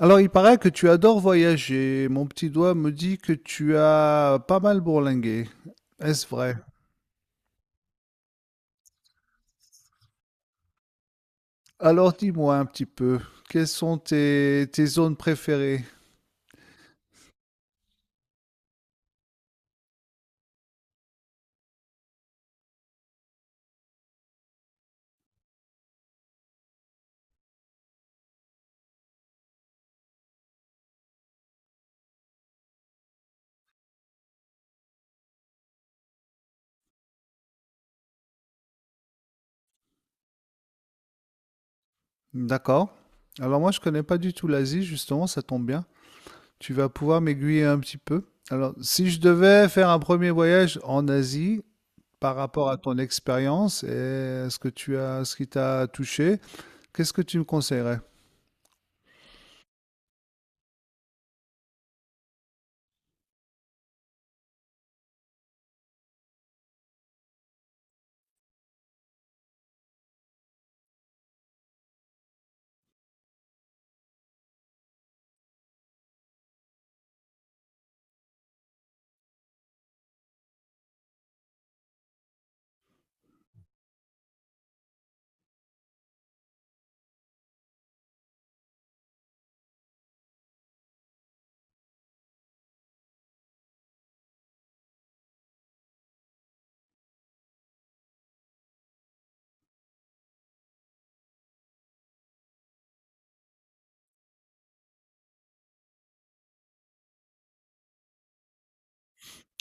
Alors, il paraît que tu adores voyager. Mon petit doigt me dit que tu as pas mal bourlingué. Est-ce vrai? Alors, dis-moi un petit peu, quelles sont tes zones préférées? D'accord. Alors, moi, je connais pas du tout l'Asie, justement, ça tombe bien. Tu vas pouvoir m'aiguiller un petit peu. Alors, si je devais faire un premier voyage en Asie, par rapport à ton expérience et ce que tu as, ce qui t'a touché, qu'est-ce que tu me conseillerais?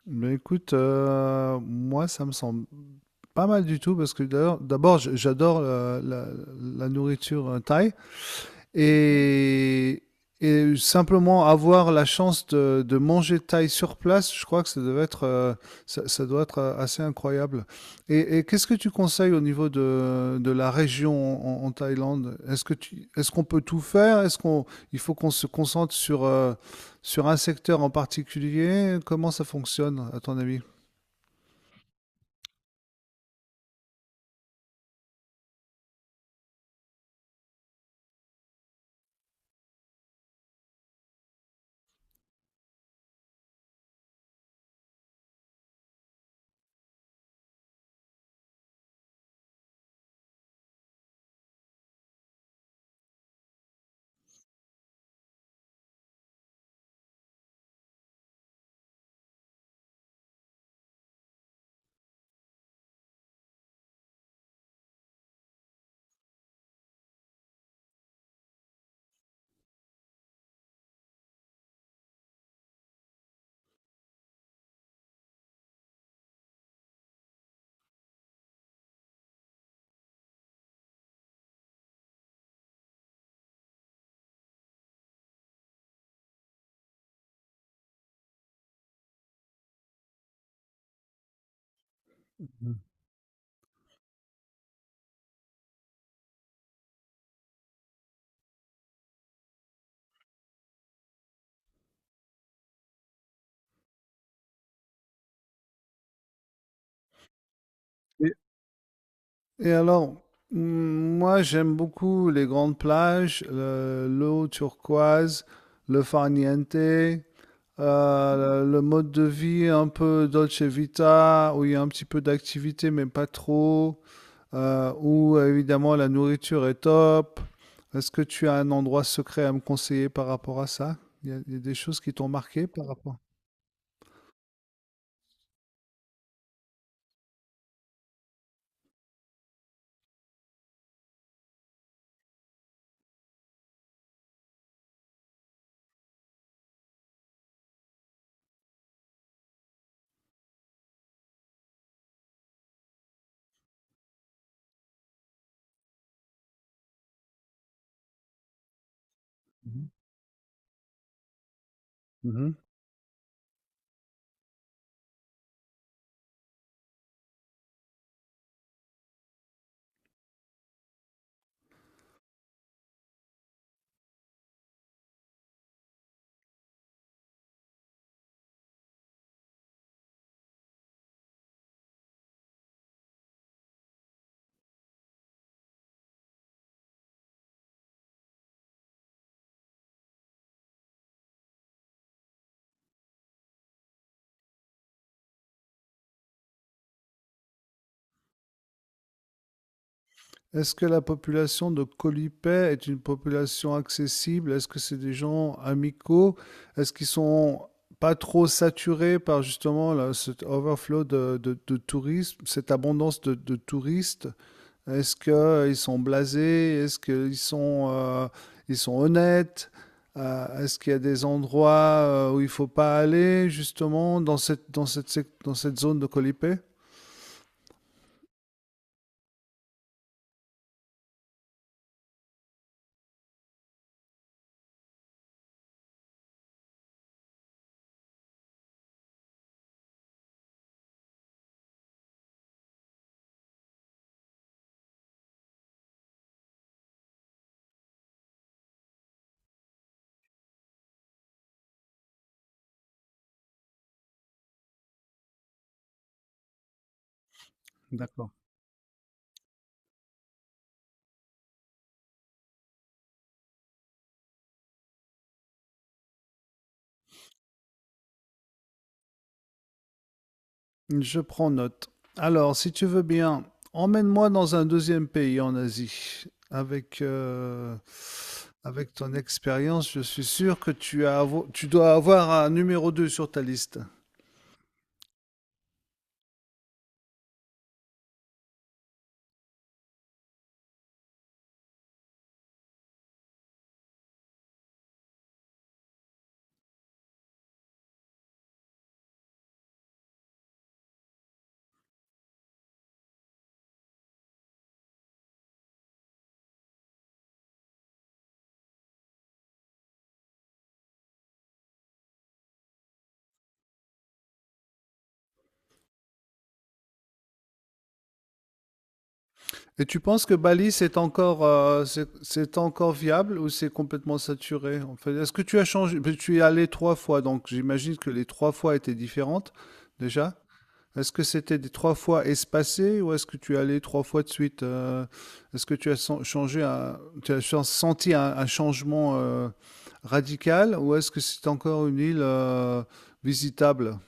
Ben écoute, moi, ça me semble pas mal du tout, parce que d'abord, j'adore la, la nourriture thaï. Et, et simplement avoir la chance de manger thaï sur place, je crois que ça devait être, ça, ça doit être assez incroyable. Et qu'est-ce que tu conseilles au niveau de la région en, en Thaïlande? Est-ce qu'on peut tout faire? Est-ce qu'on, il faut qu'on se concentre sur, sur un secteur en particulier? Comment ça fonctionne, à ton avis? Mhm. Et- Et alors, mm, moi j'aime beaucoup les grandes plages, l'eau turquoise, le farniente, le mode de vie un peu dolce vita, où il y a un petit peu d'activité mais pas trop, où évidemment la nourriture est top. Est-ce que tu as un endroit secret à me conseiller par rapport à ça? Il y a des choses qui t'ont marqué par rapport. Mhm. Est-ce que la population de Colipay est une population accessible? Est-ce que c'est des gens amicaux? Est-ce qu'ils sont pas trop saturés par justement là, cet overflow de tourisme, cette abondance de touristes? Est-ce qu'ils sont blasés? Est-ce qu'ils sont, ils sont honnêtes? Est-ce qu'il y a des endroits où il ne faut pas aller justement dans dans cette zone de Colipay? D'accord. Je prends note. Alors, si tu veux bien, emmène-moi dans un deuxième pays en Asie. Avec, avec ton expérience, je suis sûr que tu dois avoir un numéro 2 sur ta liste. Et tu penses que Bali, c'est encore, c'est encore viable ou c'est complètement saturé? En fait, est-ce que tu as changé? Parce que tu y es allé trois fois, donc j'imagine que les trois fois étaient différentes déjà. Est-ce que c'était des trois fois espacé ou est-ce que tu allais trois fois de suite est-ce que tu as senti un changement radical ou est-ce que c'est encore une île visitable?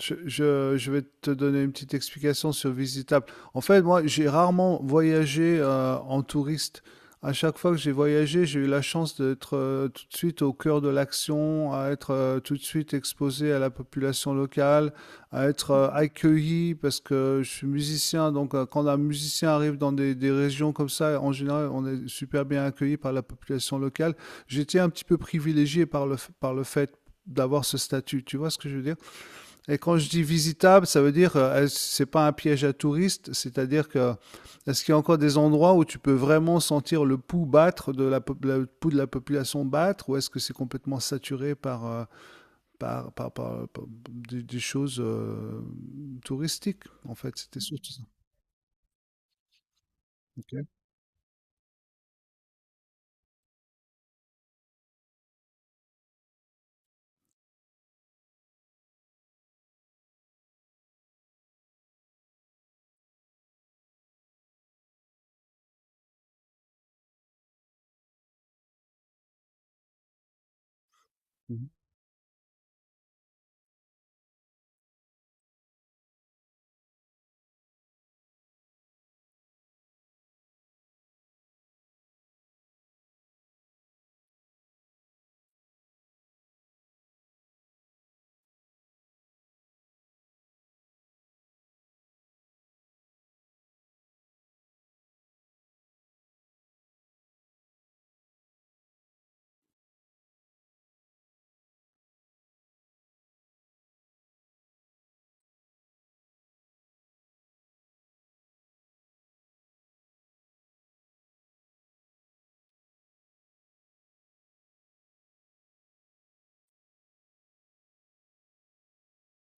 Je vais te donner une petite explication sur visitable. En fait, moi, j'ai rarement voyagé en touriste. À chaque fois que j'ai voyagé, j'ai eu la chance d'être tout de suite au cœur de l'action, à être tout de suite exposé à la population locale, à être accueilli parce que je suis musicien. Donc, quand un musicien arrive dans des régions comme ça, en général, on est super bien accueilli par la population locale. J'étais un petit peu privilégié par le, par le fait d'avoir ce statut. Tu vois ce que je veux dire? Et quand je dis visitable, ça veut dire c'est pas un piège à touristes, c'est-à-dire que est-ce qu'il y a encore des endroits où tu peux vraiment sentir le pouls battre de le pouls de la population battre, ou est-ce que c'est complètement saturé par par, des choses touristiques en fait, c'était surtout ça. Ok.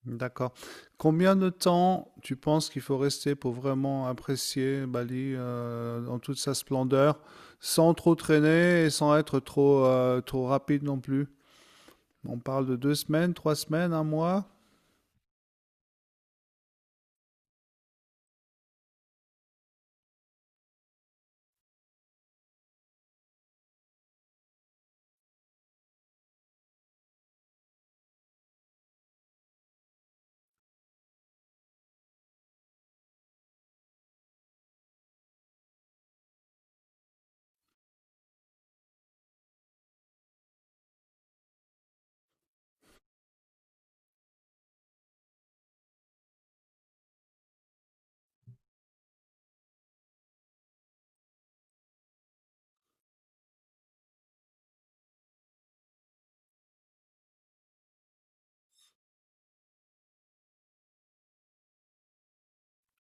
D'accord. Combien de temps tu penses qu'il faut rester pour vraiment apprécier Bali dans toute sa splendeur, sans trop traîner et sans être trop, trop rapide non plus? On parle de deux semaines, trois semaines, un mois?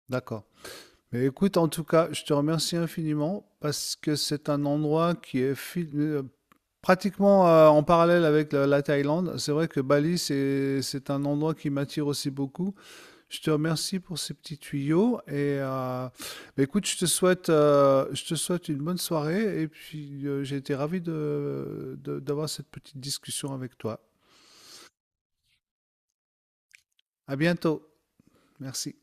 D'accord. Mais écoute, en tout cas, je te remercie infiniment parce que c'est un endroit qui est pratiquement en parallèle avec la, la Thaïlande. C'est vrai que Bali, c'est un endroit qui m'attire aussi beaucoup. Je te remercie pour ces petits tuyaux et bah, écoute, je te souhaite une bonne soirée et puis j'ai été ravi de, d'avoir cette petite discussion avec toi. À bientôt. Merci.